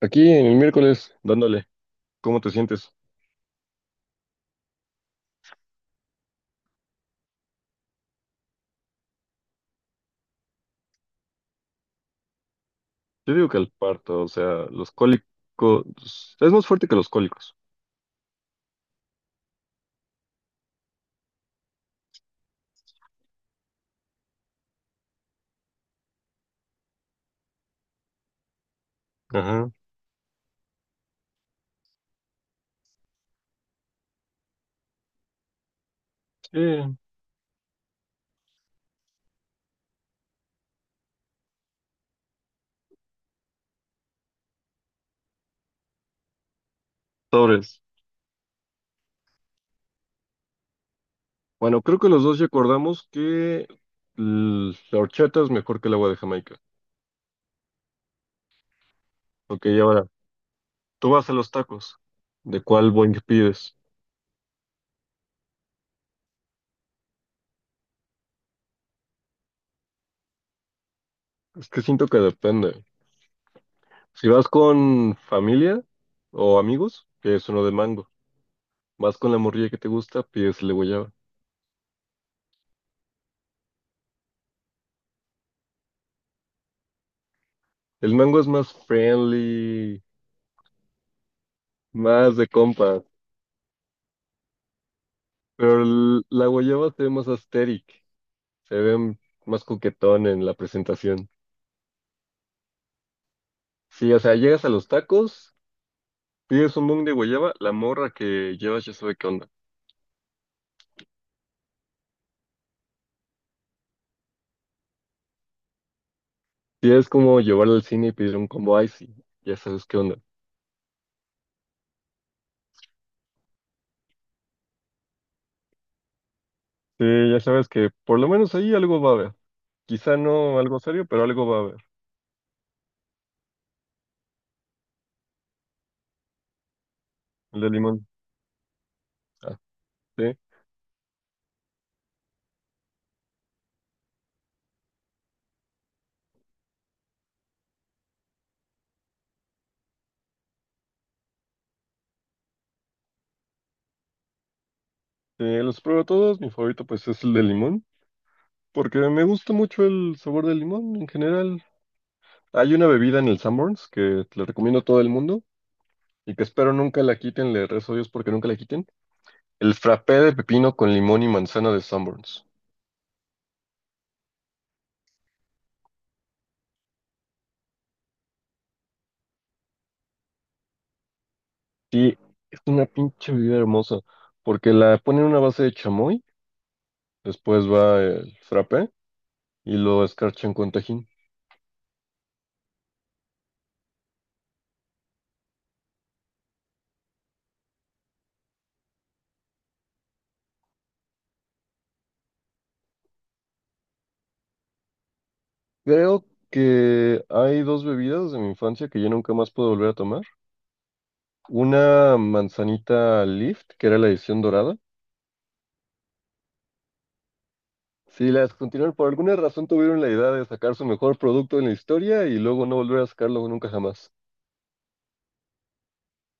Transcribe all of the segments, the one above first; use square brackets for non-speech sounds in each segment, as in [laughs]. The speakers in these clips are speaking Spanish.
Aquí en el miércoles, dándole, ¿cómo te sientes? Yo digo que el parto, o sea, los cólicos, es más fuerte que los cólicos. Ajá. Sí, sobres. Bueno, creo que los dos ya acordamos que la horchata es mejor que el agua de Jamaica. Ok, y ahora, tú vas a los tacos, ¿de cuál boing pides? Es que siento que depende. Si vas con familia o amigos, que es uno de mango. Vas con la morrilla que te gusta, pides el de guayaba. El mango es más friendly, más de compas. Pero la guayaba se ve más asteric, se ve más coquetón en la presentación. Sí, o sea, llegas a los tacos, pides un bong de guayaba, la morra que llevas ya sabe qué onda. Sí, es como llevarla al cine y pedir un combo icy, ya sabes qué onda. Sí, ya sabes que por lo menos ahí algo va a haber. Quizá no algo serio, pero algo va a haber. El de limón. Ah, sí. Sí, los pruebo todos, mi favorito pues es el de limón, porque me gusta mucho el sabor del limón en general. Hay una bebida en el Sanborns que le recomiendo a todo el mundo y que espero nunca la quiten, le rezo a Dios porque nunca la quiten. El frappé de pepino con limón y manzana de Sanborns. Sí, es una pinche bebida hermosa porque la ponen en una base de chamoy, después va el frappé y lo escarchan con tajín. Creo que hay dos bebidas de mi infancia que ya nunca más puedo volver a tomar. Una manzanita Lift, que era la edición dorada. Si las continuaron, por alguna razón tuvieron la idea de sacar su mejor producto en la historia y luego no volver a sacarlo nunca jamás.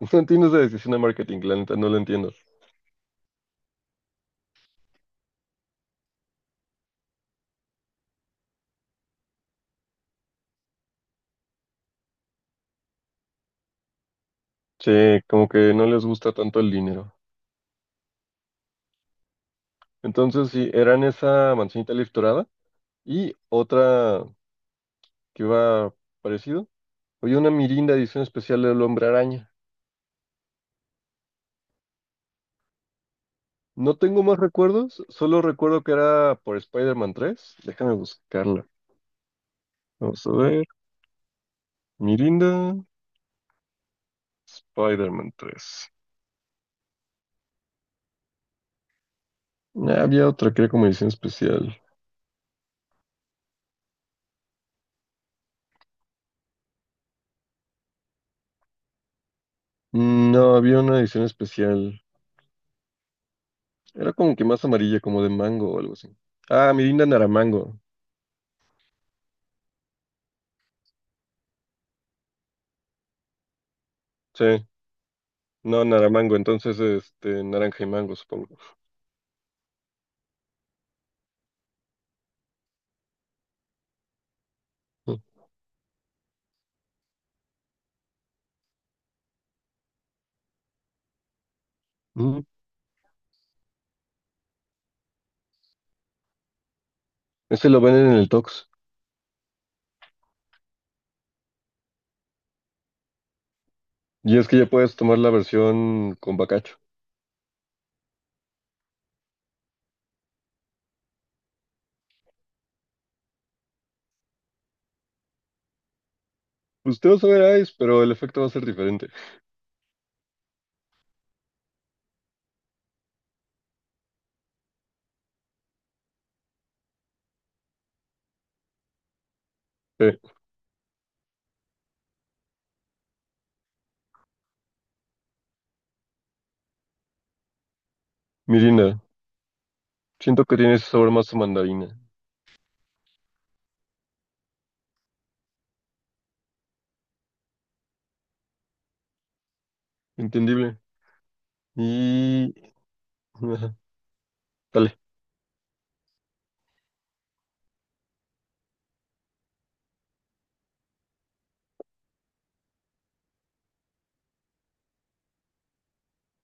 [laughs] No entiendo esa decisión de marketing, la neta, no la entiendo. Sí, como que no les gusta tanto el dinero. Entonces, sí, eran esa manzanita leaf dorada y otra que iba parecido. Oye, una Mirinda edición especial del Hombre Araña. No tengo más recuerdos, solo recuerdo que era por Spider-Man 3. Déjame buscarla. Vamos a ver. Mirinda, Spider-Man 3. Ah, había otra que era como edición especial. No, había una edición especial. Era como que más amarilla, como de mango o algo así. Ah, Mirinda Naramango. Sí, no, Naramango. Entonces, naranja y mango, supongo. Ujú. Ese lo venden en el Tox. Y es que ya puedes tomar la versión con bacacho. Pues te vas a ver Ice, pero el efecto va a ser diferente. Sí, Mirinda. Siento que tiene ese sabor más a mandarina. Entendible. Y... ajá, dale.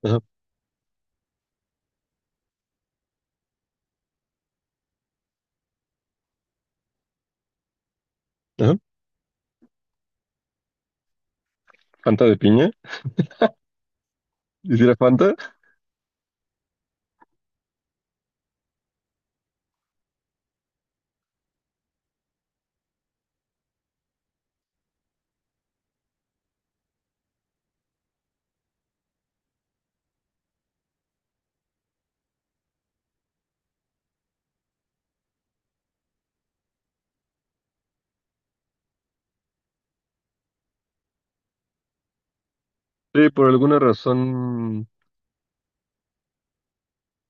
Ajá. Ajá. Fanta de piña. ¿Hiciera Fanta? Sí, por alguna razón,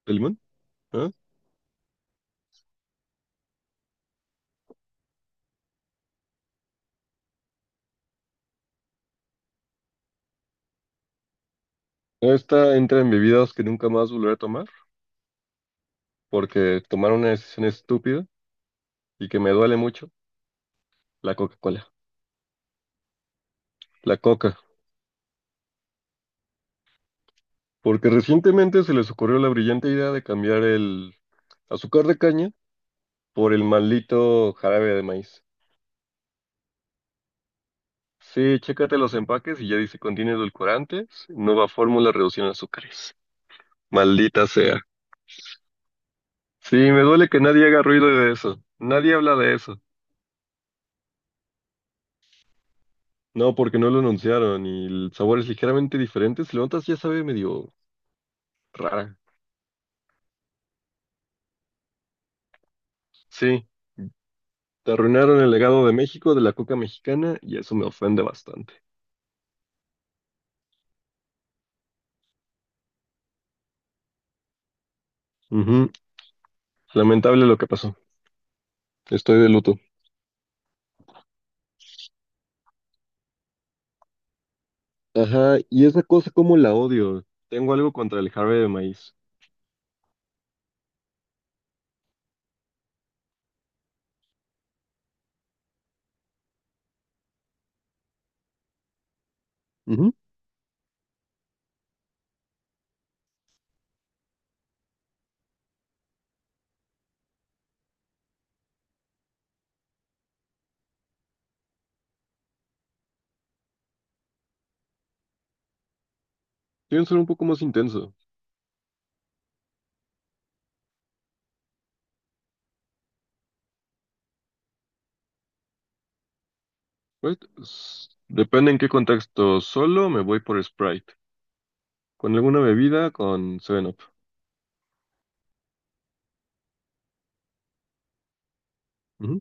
el limón, ¿eh? Esta entra en bebidas que nunca más volveré a tomar, porque tomar una decisión estúpida y que me duele mucho, la Coca-Cola, la Coca. Porque recientemente se les ocurrió la brillante idea de cambiar el azúcar de caña por el maldito jarabe de maíz. Sí, chécate los empaques y ya dice contiene edulcorantes, nueva fórmula reducción de azúcares. Maldita sea. Sí, me duele que nadie haga ruido de eso. Nadie habla de eso. No, porque no lo anunciaron y el sabor es ligeramente diferente. Si lo notas, ya sabe medio rara. Sí, te arruinaron el legado de México de la coca mexicana y eso me ofende bastante. Ujú, lamentable lo que pasó. Estoy de luto. Ajá, y esa cosa como la odio. Tengo algo contra el jarabe de maíz. Ujú, quieren ser un poco más intenso. Pues, depende en qué contexto. Solo me voy por Sprite. Con alguna bebida, con 7-Up. Ujú,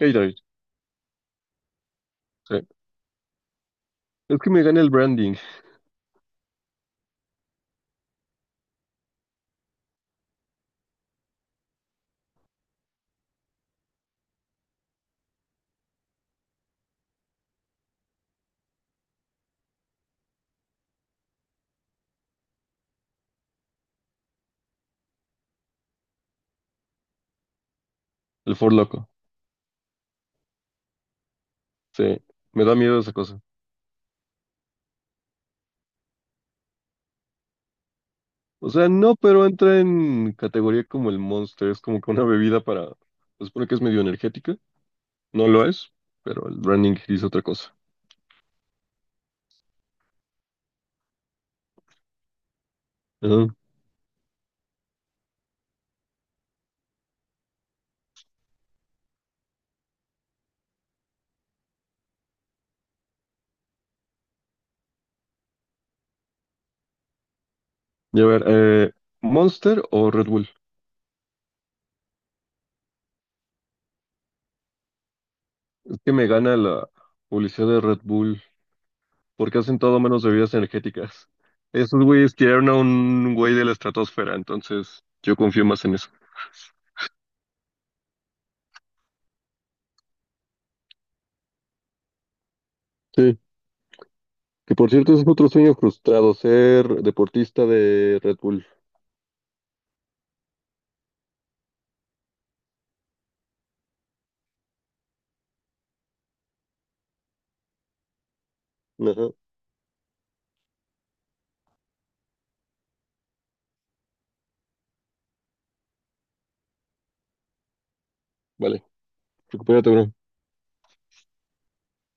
Gatorade, sí. Es que me gana el branding, el For Loco. Sí, me da miedo esa cosa. O sea, no, pero entra en categoría como el Monster, es como que una bebida para... Se supone que es medio energética, no lo es, pero el branding dice otra cosa. Ajá. Y a ver, ¿Monster o Red Bull? Es que me gana la publicidad de Red Bull, porque hacen todo menos bebidas energéticas. Esos güeyes tiraron a un güey de la estratosfera, entonces yo confío más en eso. Sí, que por cierto ese es otro sueño frustrado, ser deportista de Red Bull. Ajá. Vale, recupérate, bro.